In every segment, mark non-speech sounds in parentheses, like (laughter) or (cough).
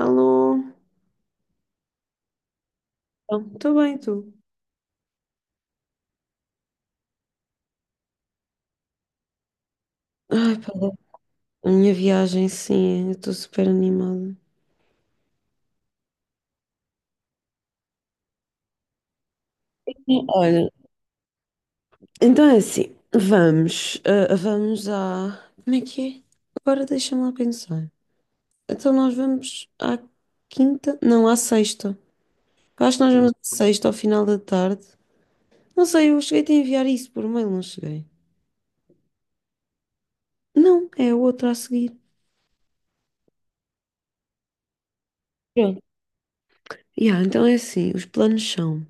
Alô? Estou bem, tu? Ai, pá, a minha viagem, sim, eu estou super animada. Sim, olha, então é assim, vamos à. Como é que é? Agora deixa-me lá pensar. Então nós vamos à quinta? Não, à sexta. Eu acho que nós vamos à sexta, ao final da tarde. Não sei, eu cheguei a enviar isso por mail, não cheguei. Não, é a outra a seguir. Pronto. Yeah, então é assim, os planos são.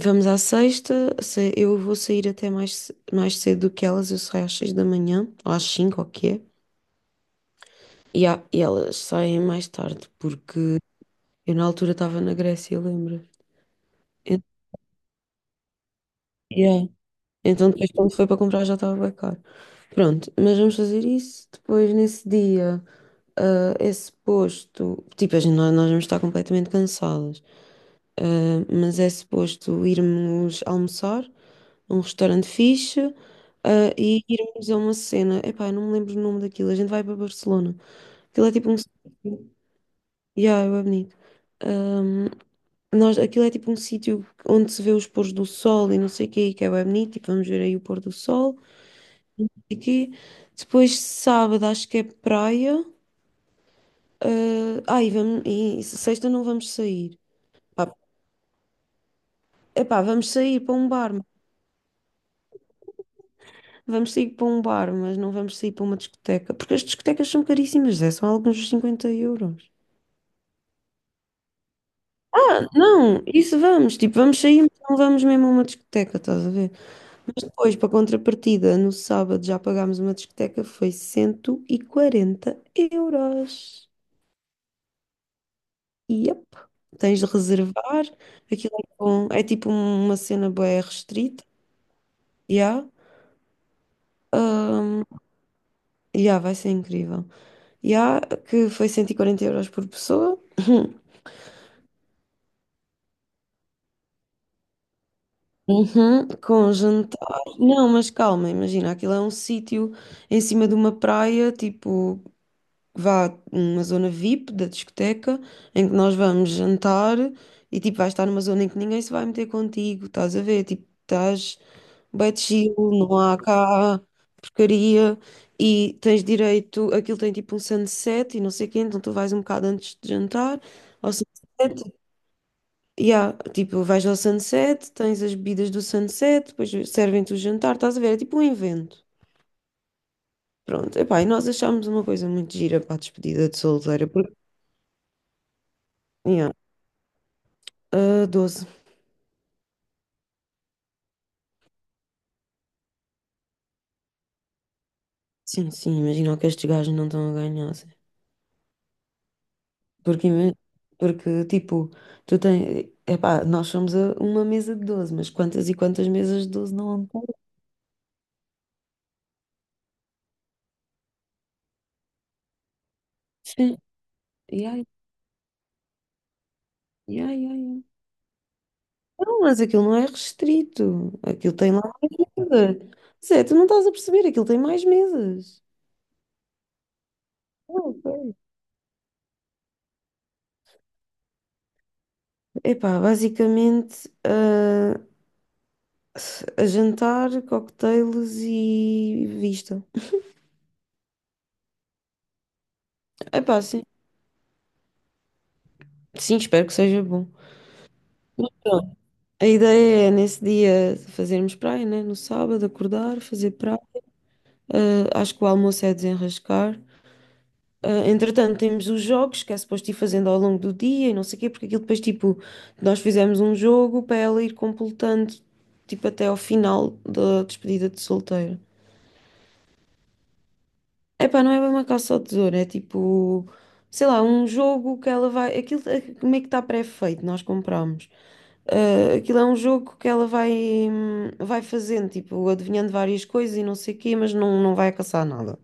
Vamos à sexta. Eu vou sair até mais cedo do que elas. Eu saio às 6 da manhã, ou às 5, ou o que é. E elas saem mais tarde, porque eu na altura estava na Grécia, lembra? En- Yeah. Então depois quando foi para comprar já estava bem caro. Pronto, mas vamos fazer isso. Depois nesse dia, esse posto, tipo, a gente, nós vamos estar completamente cansadas. Mas é suposto irmos almoçar num restaurante fixe, e irmos a uma cena. Epá, eu não me lembro o nome daquilo. A gente vai para Barcelona. Aquilo é tipo um. Yeah, é bonito. Um, nós, aquilo é tipo um sítio onde se vê os pôres do sol e não sei o quê, que é bem bonito. Tipo, vamos ver aí o pôr do sol. Aqui. Depois, sábado, acho que é praia. E sexta não vamos sair. Pá, epá, vamos sair para um bar. Vamos sair para um bar, mas não vamos sair para uma discoteca, porque as discotecas são caríssimas, é, são alguns 50 euros. Não, isso vamos, tipo, vamos sair, mas não vamos mesmo a uma discoteca, estás a ver? Mas depois, para contrapartida, no sábado já pagámos uma discoteca, foi 140 euros. Yep. Tens de reservar, aquilo é tipo uma cena bué restrita, já vai ser incrível. Já, yeah, que foi 140 euros por pessoa. (laughs) Uhum, com um jantar. Não, mas calma, imagina, aquilo é um sítio em cima de uma praia, tipo, vá uma zona VIP da discoteca, em que nós vamos jantar e tipo, vais estar numa zona em que ninguém se vai meter contigo, estás a ver? Tipo, estás bem chill, não há cá porcaria e tens direito, aquilo tem tipo um sunset e não sei o quê, então tu vais um bocado antes de jantar ao sunset. Yeah, tipo, vais ao sunset, tens as bebidas do sunset, depois servem-te o jantar, estás a ver? É tipo um evento. Pronto, epá, e nós achámos uma coisa muito gira para a despedida de solteira, porque, yeah, 12. Sim, sim, imagina o que estes gajos não estão a ganhar, assim. Porque, ima- porque tipo, tu tens, epá, nós somos a uma mesa de 12 mas quantas e quantas mesas de 12 não há? Sim, yeah, yeah, yeah, yeah. Não, mas aquilo não é restrito. Aquilo tem lá mais mesas. Zé, tu não estás a perceber, aquilo tem mais mesas. Não, ok. Epá, basicamente, a jantar, cocktails e vista. Epá, sim. Sim, espero que seja bom. Pronto. A ideia é, nesse dia, fazermos praia, né? No sábado, acordar, fazer praia. Ah, acho que o almoço é desenrascar. Ah, entretanto, temos os jogos que é suposto ir fazendo ao longo do dia e não sei o quê, porque aquilo depois, tipo, nós fizemos um jogo para ela ir completando, tipo, até ao final da despedida de solteiro. Epá, não é bem uma caça ao tesouro, é tipo, sei lá, um jogo que ela vai. Aquilo como é que está pré-feito, nós compramos. Ah, aquilo é um jogo que ela vai, vai fazendo, tipo, adivinhando várias coisas e não sei o quê, mas não, não vai caçar nada.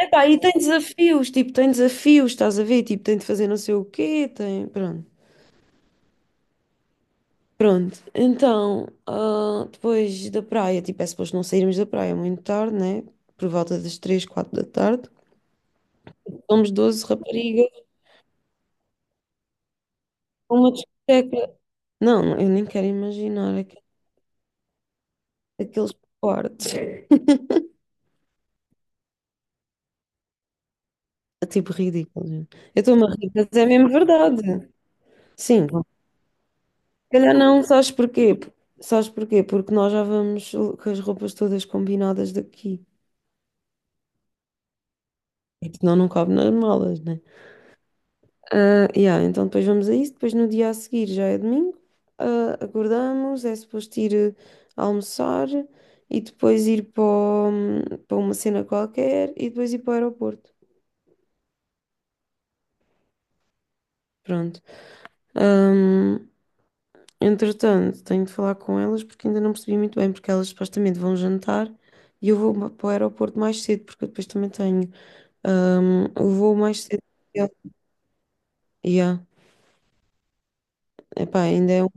Epá, e tem desafios, tipo, tem desafios, estás a ver? Tipo, tem de fazer não sei o quê, tem. Pronto. Pronto, então, depois da praia, tipo, é suposto não sairmos da praia muito tarde, né? Por volta das 3, 4 da tarde. Somos 12 raparigas para uma discoteca. Não, eu nem quero imaginar aqueles quartos. É tipo ridículo, gente. Eu estou-me a rir, mas é mesmo verdade. Sim, se calhar não, sabes porquê? Sabes porquê? Porque nós já vamos com as roupas todas combinadas daqui. Porque senão não cabe nas malas, né? Ah, yeah, então depois vamos a isso. Depois no dia a seguir já é domingo. Acordamos, é suposto ir almoçar e depois ir para uma cena qualquer e depois ir para o aeroporto. Pronto. Ahm, entretanto, tenho de falar com elas porque ainda não percebi muito bem, porque elas supostamente vão jantar e eu vou para o aeroporto mais cedo, porque eu depois também tenho o voo mais cedo. Yeah. Epá, ainda é um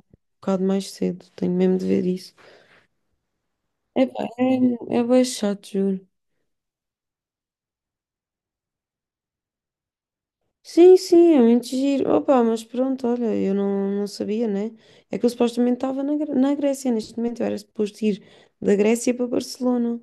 bocado mais cedo, tenho mesmo de ver isso. Epá, é bem chato, juro. Sim, sim, é muito giro. Opa, mas pronto, olha, eu não sabia, né? É que eu supostamente estava na Grécia, neste momento eu era suposto ir da Grécia para Barcelona.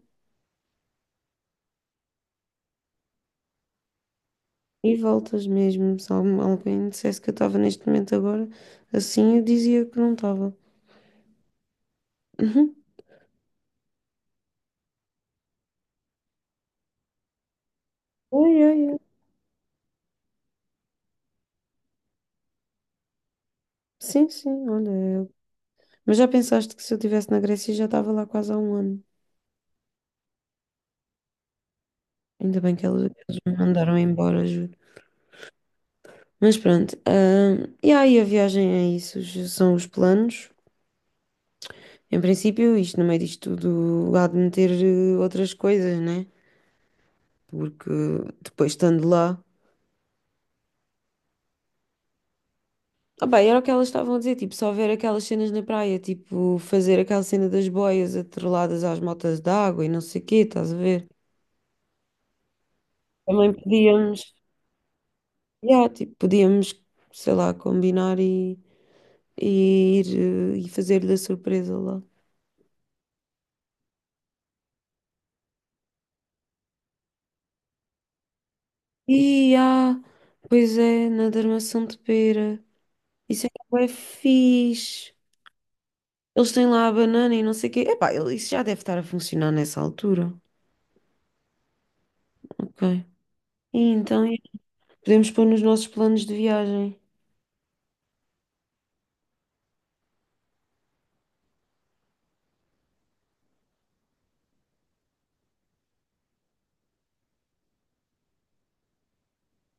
E voltas mesmo, se alguém dissesse que eu estava neste momento agora, assim eu dizia que não estava. Uhum. Ai, ai, ai. Sim, sim, olha. Mas já pensaste que se eu estivesse na Grécia já estava lá quase há um ano? Ainda bem que eles me mandaram embora, juro. Mas pronto, e aí a viagem é isso, são os planos. Em princípio, isto no meio disto tudo há de meter outras coisas, né? Porque depois estando lá. Ah, bem, era o que elas estavam a dizer, tipo, só ver aquelas cenas na praia, tipo, fazer aquela cena das boias atreladas às motas d'água e não sei o quê, estás a ver? Também podíamos, yeah, tipo, podíamos, sei lá, combinar e ir e fazer-lhe a surpresa lá. E pois é, na armação de pera. Isso é que é fixe. Eles têm lá a banana e não sei o quê. Epá, isso já deve estar a funcionar nessa altura. Ok. E então, podemos pôr nos nossos planos de viagem.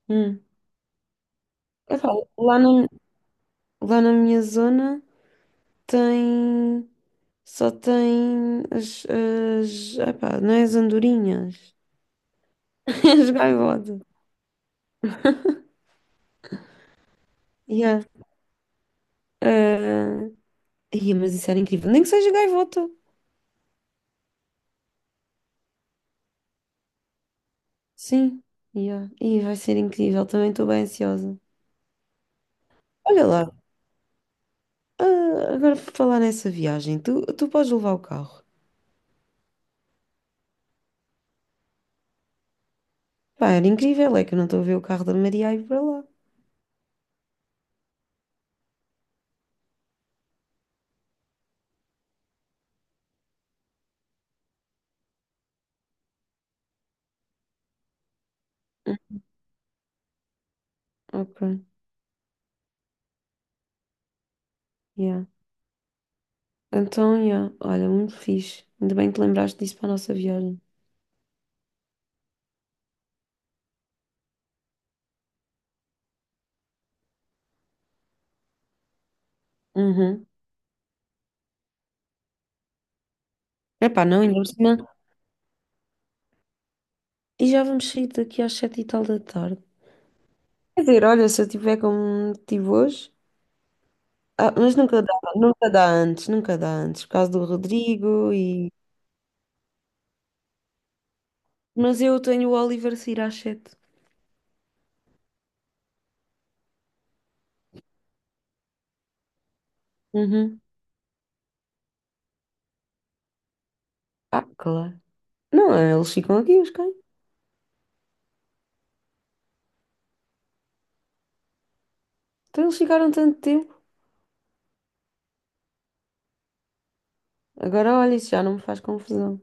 Hum. Epá, lá na, lá na minha zona tem. Só tem as, epá, não é as andorinhas, (laughs) as gaivotas. Yeah. Ah, ia, mas isso era incrível. Nem que seja gaivota. Sim, yeah. E vai ser incrível, também estou bem ansiosa. Olha lá, agora por falar nessa viagem, tu podes levar o carro. Pá, era incrível, é que eu não estou a ver o carro da Maria a ir para lá. Hum, Ok, yeah. Então, yeah, olha, muito fixe. Ainda bem que te lembraste disso para a nossa viagem. Uhum. Epá, não, ainda por cima. E já vamos sair daqui às sete e tal da tarde. Quer dizer, olha, se eu tiver como tive hoje. Ah, mas nunca dá, nunca dá antes, nunca dá antes, por causa do Rodrigo e. Mas eu tenho o Oliver sair às 7. Uhum. Ah, claro. Não, eles ficam aqui, os cães. Então eles ficaram tanto tempo. Agora olha, isso já não me faz confusão.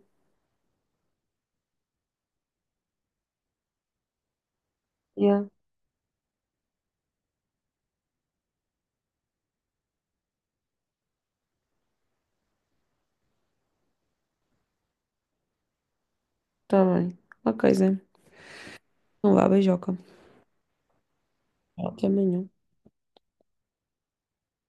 Yeah, tá bem. Ok, Zé. Não vá, beijoca. Até amanhã.